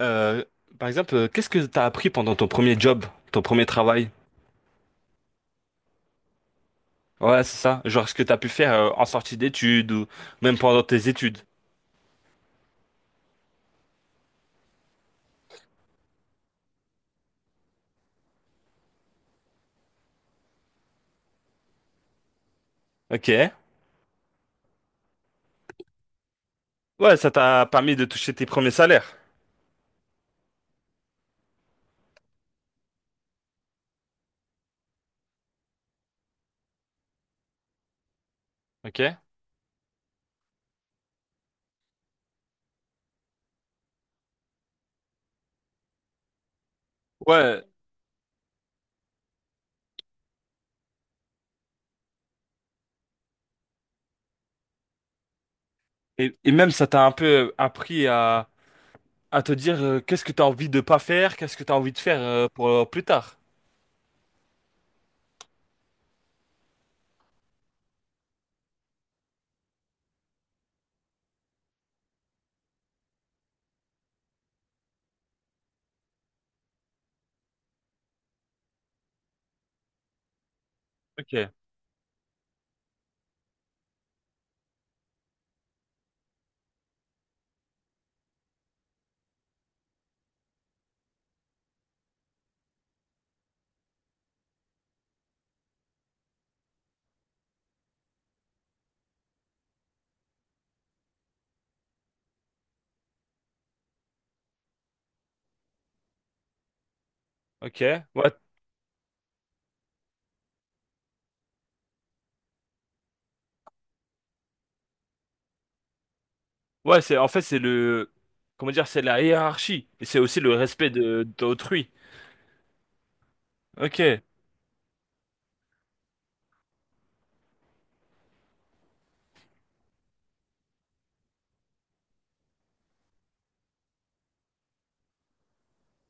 Euh, Par exemple, qu'est-ce que t'as appris pendant ton premier job, ton premier travail? Ouais, c'est ça. Genre ce que t'as pu faire en sortie d'études ou même pendant tes études. Ok. Ouais, ça t'a permis de toucher tes premiers salaires. Ok. Ouais. Et même ça t'a un peu appris à te dire qu'est-ce que t'as envie de pas faire, qu'est-ce que t'as envie de faire pour plus tard. Ok. Ok. Ouais. Ouais, c'est en fait c'est le comment dire, c'est la hiérarchie et c'est aussi le respect de d'autrui. Ok.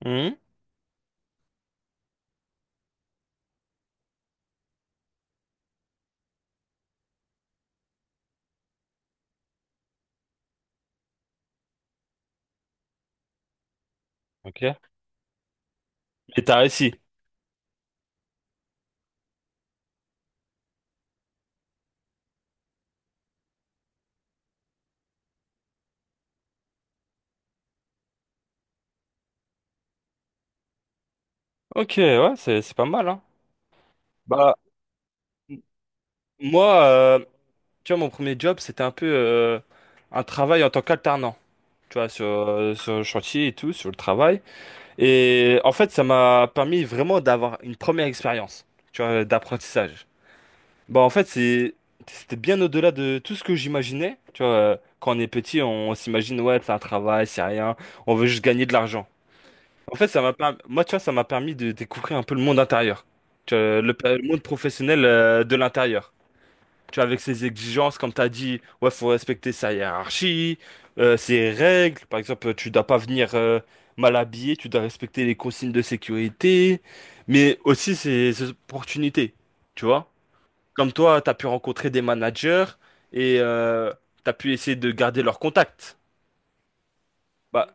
Mhm. Ok. Et t'as réussi. Ok, ouais, c'est pas mal, hein. Bah, m- moi, tu vois, mon premier job, c'était un peu un travail en tant qu'alternant, tu vois, sur, sur le chantier et tout, sur le travail. Et en fait, ça m'a permis vraiment d'avoir une première expérience, tu vois, d'apprentissage. Bah, en fait, c'est, c'était bien au-delà de tout ce que j'imaginais. Tu vois, quand on est petit, on, s'imagine, ouais, c'est un travail, c'est rien, on veut juste gagner de l'argent. En fait, ça m'a permis, moi, tu vois, ça m'a permis de découvrir un peu le monde intérieur. Tu vois, le monde professionnel de l'intérieur. Tu vois, avec ses exigences, comme tu as dit, ouais, faut respecter sa hiérarchie, ses règles. Par exemple, tu dois pas venir mal habillé, tu dois respecter les consignes de sécurité, mais aussi ses, opportunités. Tu vois? Comme toi, tu as pu rencontrer des managers et tu as pu essayer de garder leurs contacts. Bah,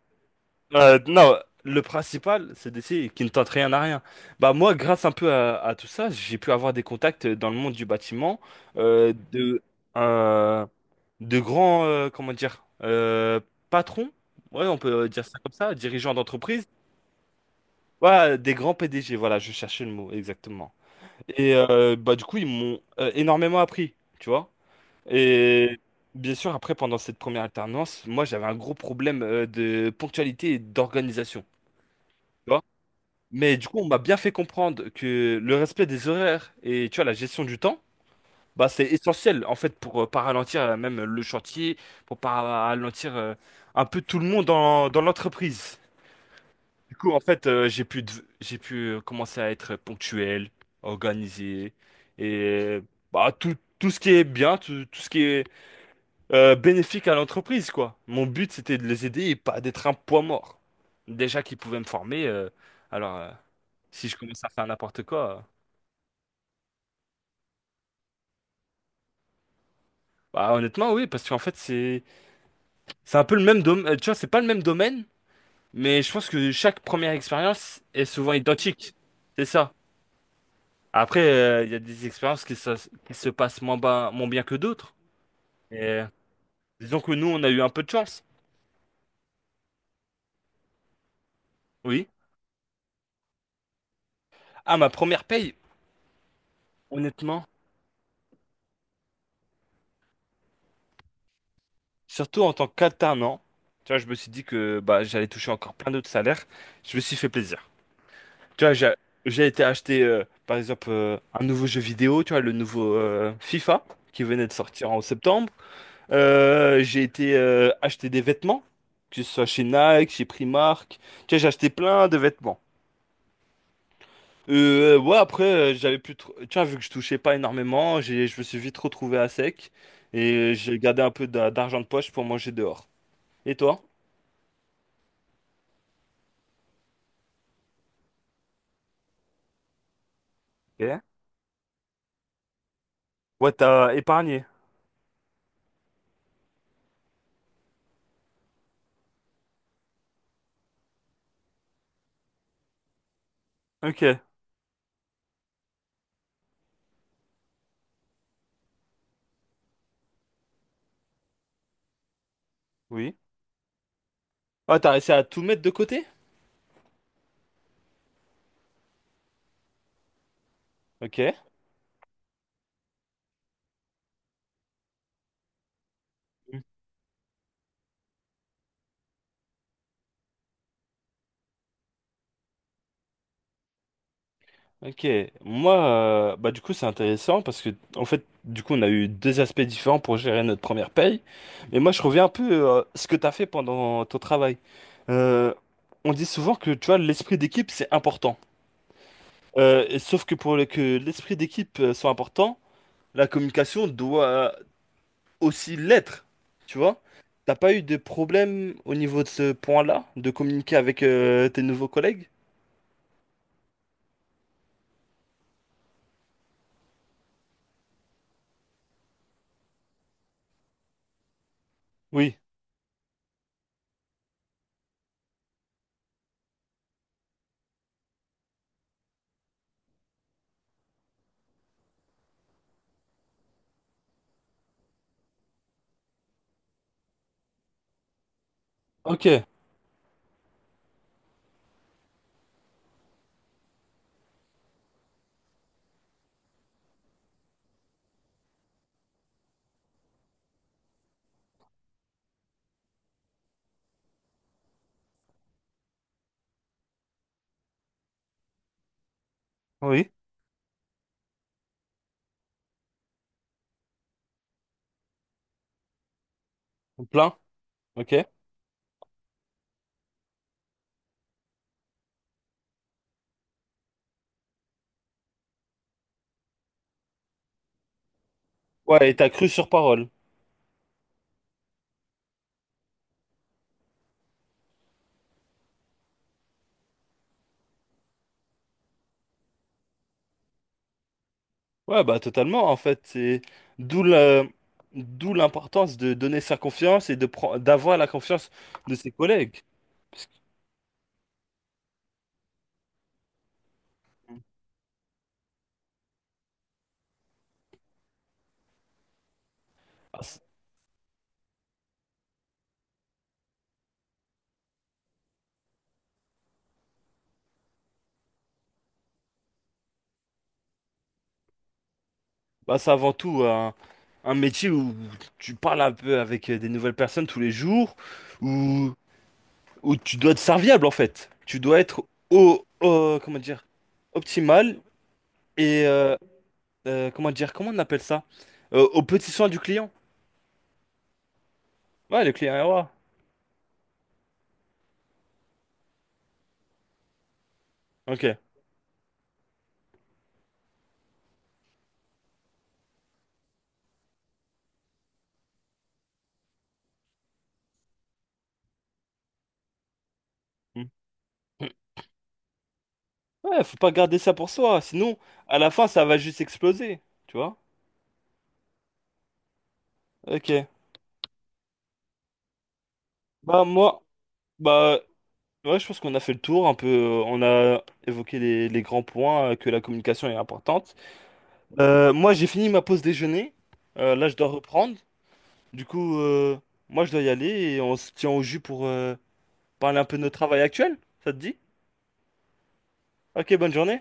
non, le principal, c'est d'essayer qui ne tente rien à rien. Bah moi, grâce un peu à tout ça, j'ai pu avoir des contacts dans le monde du bâtiment, de un- de grands, comment dire, patrons. Ouais, on peut dire ça comme ça, dirigeants d'entreprise. Ouais, des grands PDG. Voilà, je cherchais le mot exactement. Et bah du coup, ils m'ont énormément appris, tu vois. Et bien sûr, après, pendant cette première alternance, moi, j'avais un gros problème de ponctualité et d'organisation. Tu vois. Mais du coup, on m'a bien fait comprendre que le respect des horaires et tu vois, la gestion du temps, bah, c'est essentiel en fait pour pas ralentir même le chantier, pour pas ralentir un peu tout le monde dans, dans l'entreprise. Du coup, en fait, j'ai pu, j'ai pu commencer à être ponctuel, organisé et bah, tout, tout ce qui est bien, tout, tout ce qui est bénéfique à l'entreprise, quoi. Mon but, c'était de les aider et pas d'être un poids mort. Déjà qu'ils pouvaient me former, alors si je commence à faire n'importe quoi, bah, honnêtement, oui, parce qu'en fait, c'est un peu le même domaine, tu vois, c'est pas le même domaine, mais je pense que chaque première expérience est souvent identique. C'est ça. Après, il y a des expériences qui se passent moins, moins bien que d'autres. Et, disons que nous, on a eu un peu de chance. Oui. Ah, ma première paye, honnêtement. Surtout en tant qu'alternant, tu vois, je me suis dit que bah, j'allais toucher encore plein d'autres salaires. Je me suis fait plaisir. Tu vois, j'ai été acheter, par exemple, un nouveau jeu vidéo, tu vois, le nouveau FIFA, qui venait de sortir en septembre. J'ai été acheter des vêtements, que ce soit chez Nike, chez Primark. Tu vois, j'ai acheté plein de vêtements. Ouais, après, j'avais plus trop. Tu vois, vu que je touchais pas énormément, j'ai, je me suis vite retrouvé à sec. Et j'ai gardé un peu d'argent de poche pour manger dehors. Et toi? Ok. Ouais, t'as épargné. Ok, oui. Ah, t'as réussi à tout mettre de côté? Ok. Ok. Moi, bah du coup, c'est intéressant parce que, en fait, du coup, on a eu deux aspects différents pour gérer notre première paye. Mais moi, je reviens un peu ce que t'as fait pendant ton travail. Euh, on dit souvent que, tu vois, l'esprit d'équipe, c'est important. Et sauf que pour que l'esprit d'équipe soit important, la communication doit aussi l'être, tu vois? T'as pas eu de problème au niveau de ce point-là, de communiquer avec tes nouveaux collègues? Oui, ok, oui, plein, ok. Ouais, et t'as cru sur parole. Ouais, bah totalement, en fait, c'est d'où la- d'où l'importance de donner sa confiance et de d'avoir la confiance de ses collègues. Parce que, bah, c'est bah, c'est avant tout un métier où tu parles un peu avec des nouvelles personnes tous les jours, où tu dois être serviable en fait. Tu dois être au, comment dire, optimal et comment dire, comment on appelle ça? Au petit soin du client. Ouais, le client est roi. Ok. Hmm. Ouais, faut pas garder ça pour soi, sinon à la fin ça va juste exploser, tu vois? Ok. Bah moi, bah ouais, je pense qu'on a fait le tour un peu. On a évoqué les grands points que la communication est importante. Moi, j'ai fini ma pause déjeuner. Là, je dois reprendre. Du coup, moi je dois y aller et on se tient au jus pour parler un peu de notre travail actuel. Ça te dit? Ok, bonne journée.